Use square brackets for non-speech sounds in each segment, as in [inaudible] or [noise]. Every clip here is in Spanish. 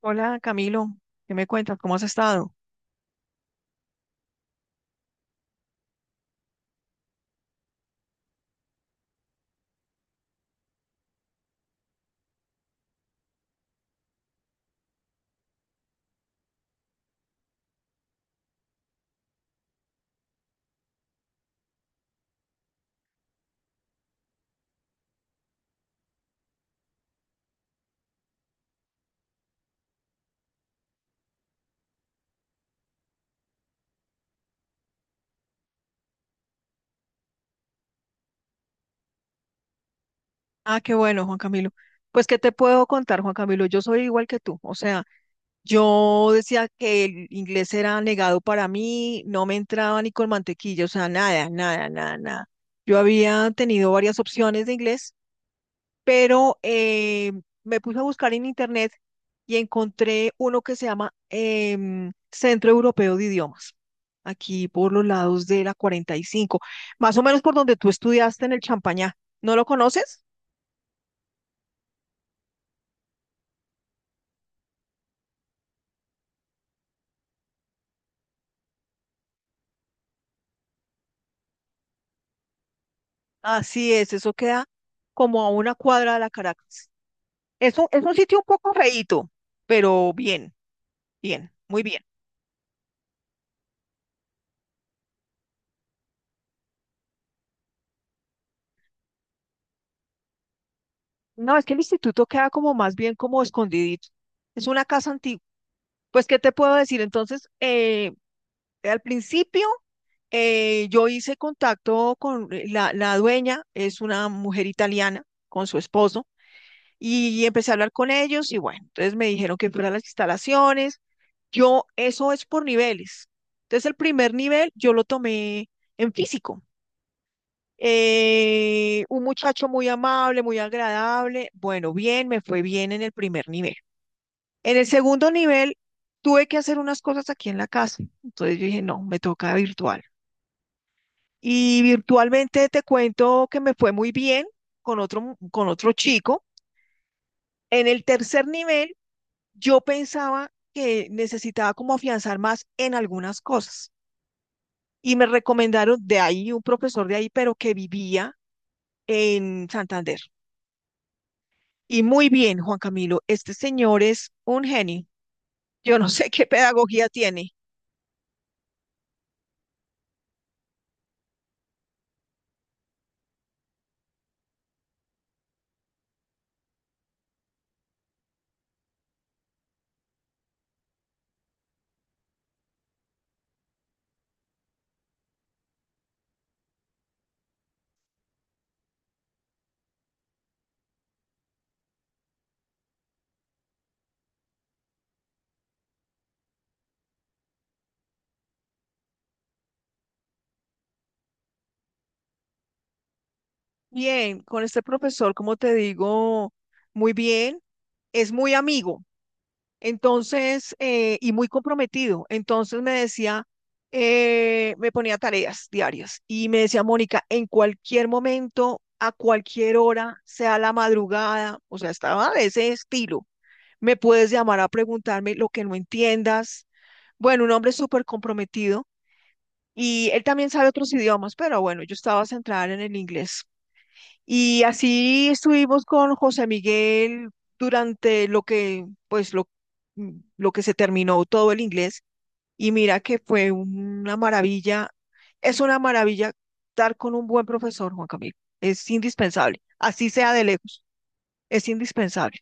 Hola Camilo, ¿qué me cuentas? ¿Cómo has estado? Ah, qué bueno, Juan Camilo. Pues, ¿qué te puedo contar, Juan Camilo? Yo soy igual que tú. O sea, yo decía que el inglés era negado para mí, no me entraba ni con mantequilla, o sea, nada, nada, nada, nada. Yo había tenido varias opciones de inglés pero me puse a buscar en internet y encontré uno que se llama Centro Europeo de Idiomas, aquí por los lados de la 45, más o menos por donde tú estudiaste en el Champañá. ¿No lo conoces? Así es, eso queda como a una cuadra de la Caracas. Es un sitio un poco feíto, pero bien, bien, muy bien. No, es que el instituto queda como más bien como escondidito. Es una casa antigua. Pues, ¿qué te puedo decir? Entonces, al principio yo hice contacto con la dueña, es una mujer italiana con su esposo, y empecé a hablar con ellos y bueno, entonces me dijeron que fuera a las instalaciones. Yo, eso es por niveles. Entonces el primer nivel yo lo tomé en físico. Un muchacho muy amable, muy agradable. Bueno, bien, me fue bien en el primer nivel. En el segundo nivel tuve que hacer unas cosas aquí en la casa. Entonces yo dije, no, me toca virtual. Y virtualmente te cuento que me fue muy bien con otro, con otro chico. En el tercer nivel, yo pensaba que necesitaba como afianzar más en algunas cosas. Y me recomendaron de ahí un profesor de ahí, pero que vivía en Santander. Y muy bien, Juan Camilo, este señor es un genio. Yo no sé qué pedagogía tiene. Bien, con este profesor, como te digo, muy bien. Es muy amigo. Entonces, y muy comprometido. Entonces me decía, me ponía tareas diarias y me decía, Mónica, en cualquier momento, a cualquier hora, sea la madrugada, o sea, estaba de ese estilo. Me puedes llamar a preguntarme lo que no entiendas. Bueno, un hombre súper comprometido y él también sabe otros idiomas, pero bueno, yo estaba centrada en el inglés. Y así estuvimos con José Miguel durante lo que, pues, lo, mm, lo que se terminó todo el inglés. Y mira que fue una maravilla, es una maravilla estar con un buen profesor, Juan Camilo. Es indispensable, así sea de lejos, es indispensable.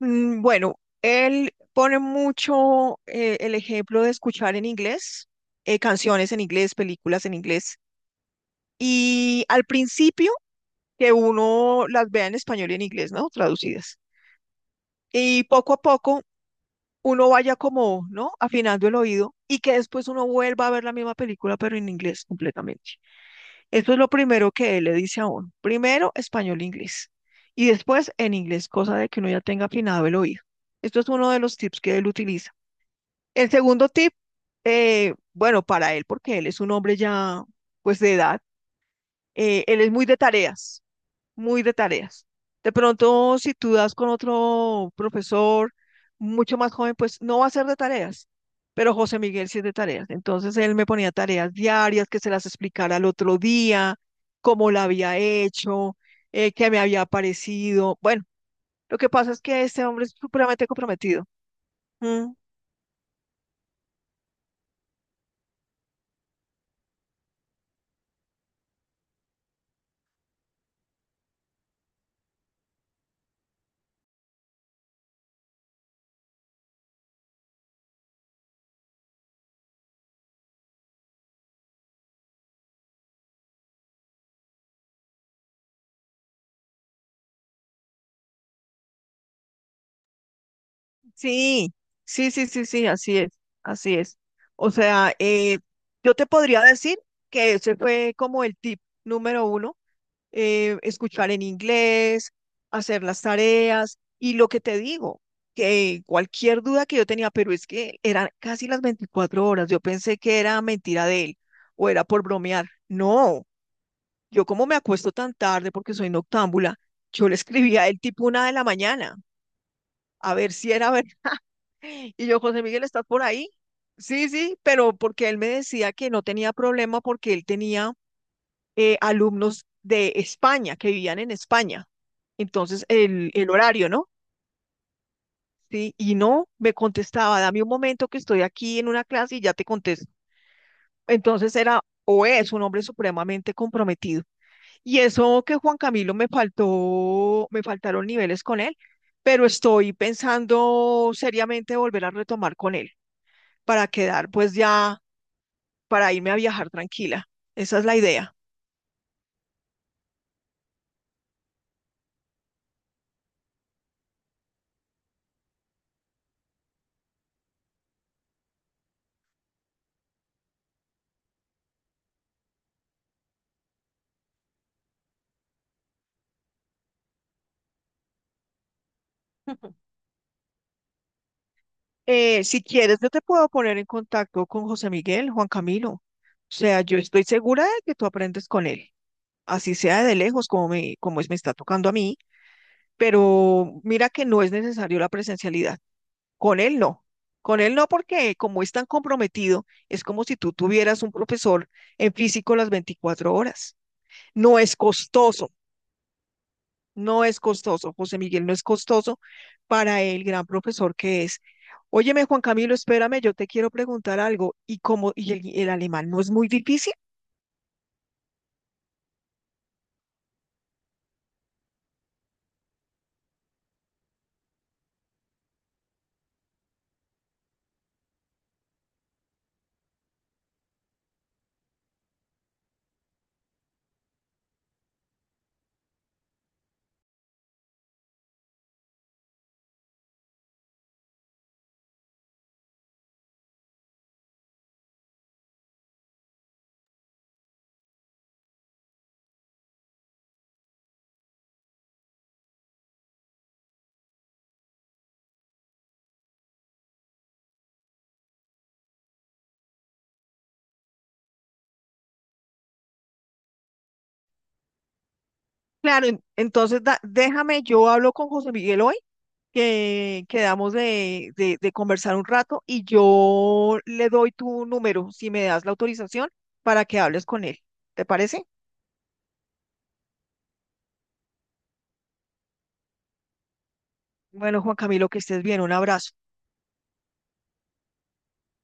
Mm. Bueno, él pone mucho el ejemplo de escuchar en inglés, canciones en inglés, películas en inglés. Y al principio que uno las vea en español y en inglés, ¿no? Traducidas. Y poco a poco uno vaya como, ¿no? Afinando el oído y que después uno vuelva a ver la misma película, pero en inglés completamente. Eso es lo primero que él le dice a uno. Primero español e inglés. Y después en inglés, cosa de que uno ya tenga afinado el oído. Esto es uno de los tips que él utiliza. El segundo tip, bueno, para él, porque él es un hombre ya, pues de edad, él es muy de tareas. Muy de tareas. De pronto, si tú das con otro profesor mucho más joven, pues no va a ser de tareas, pero José Miguel sí es de tareas. Entonces él me ponía tareas diarias que se las explicara al otro día, cómo la había hecho, qué me había parecido. Bueno, lo que pasa es que este hombre es supremamente comprometido. Mm, sí, sí, sí, sí, sí, así es, así es. O sea, yo te podría decir que ese fue como el tip número uno, escuchar en inglés, hacer las tareas y lo que te digo, que cualquier duda que yo tenía, pero es que eran casi las 24 horas, yo pensé que era mentira de él o era por bromear. No, yo como me acuesto tan tarde porque soy noctámbula, yo le escribía a él tipo una de la mañana, a ver si era ver. [laughs] Y yo, José Miguel, ¿estás por ahí? Sí, sí, pero porque él me decía que no tenía problema porque él tenía alumnos de España, que vivían en España. Entonces, el horario, ¿no? Sí, y no me contestaba, dame un momento que estoy aquí en una clase y ya te contesto. Entonces era o es un hombre supremamente comprometido. Y eso que Juan Camilo me faltaron niveles con él, pero estoy pensando seriamente volver a retomar con él para quedar pues ya, para irme a viajar tranquila. Esa es la idea. [laughs] Si quieres, yo te puedo poner en contacto con José Miguel, Juan Camilo. O sea, yo estoy segura de que tú aprendes con él, así sea de lejos como es, me está tocando a mí, pero mira que no es necesario la presencialidad. Con él no. Con él no porque como es tan comprometido, es como si tú tuvieras un profesor en físico las 24 horas. No es costoso. No es costoso, José Miguel, no es costoso para el gran profesor que es. Óyeme, Juan Camilo, espérame, yo te quiero preguntar algo. ¿Y cómo, y el alemán no es muy difícil? Claro, déjame, yo hablo con José Miguel hoy, que quedamos de conversar un rato y yo le doy tu número, si me das la autorización, para que hables con él. ¿Te parece? Bueno, Juan Camilo, que estés bien, un abrazo.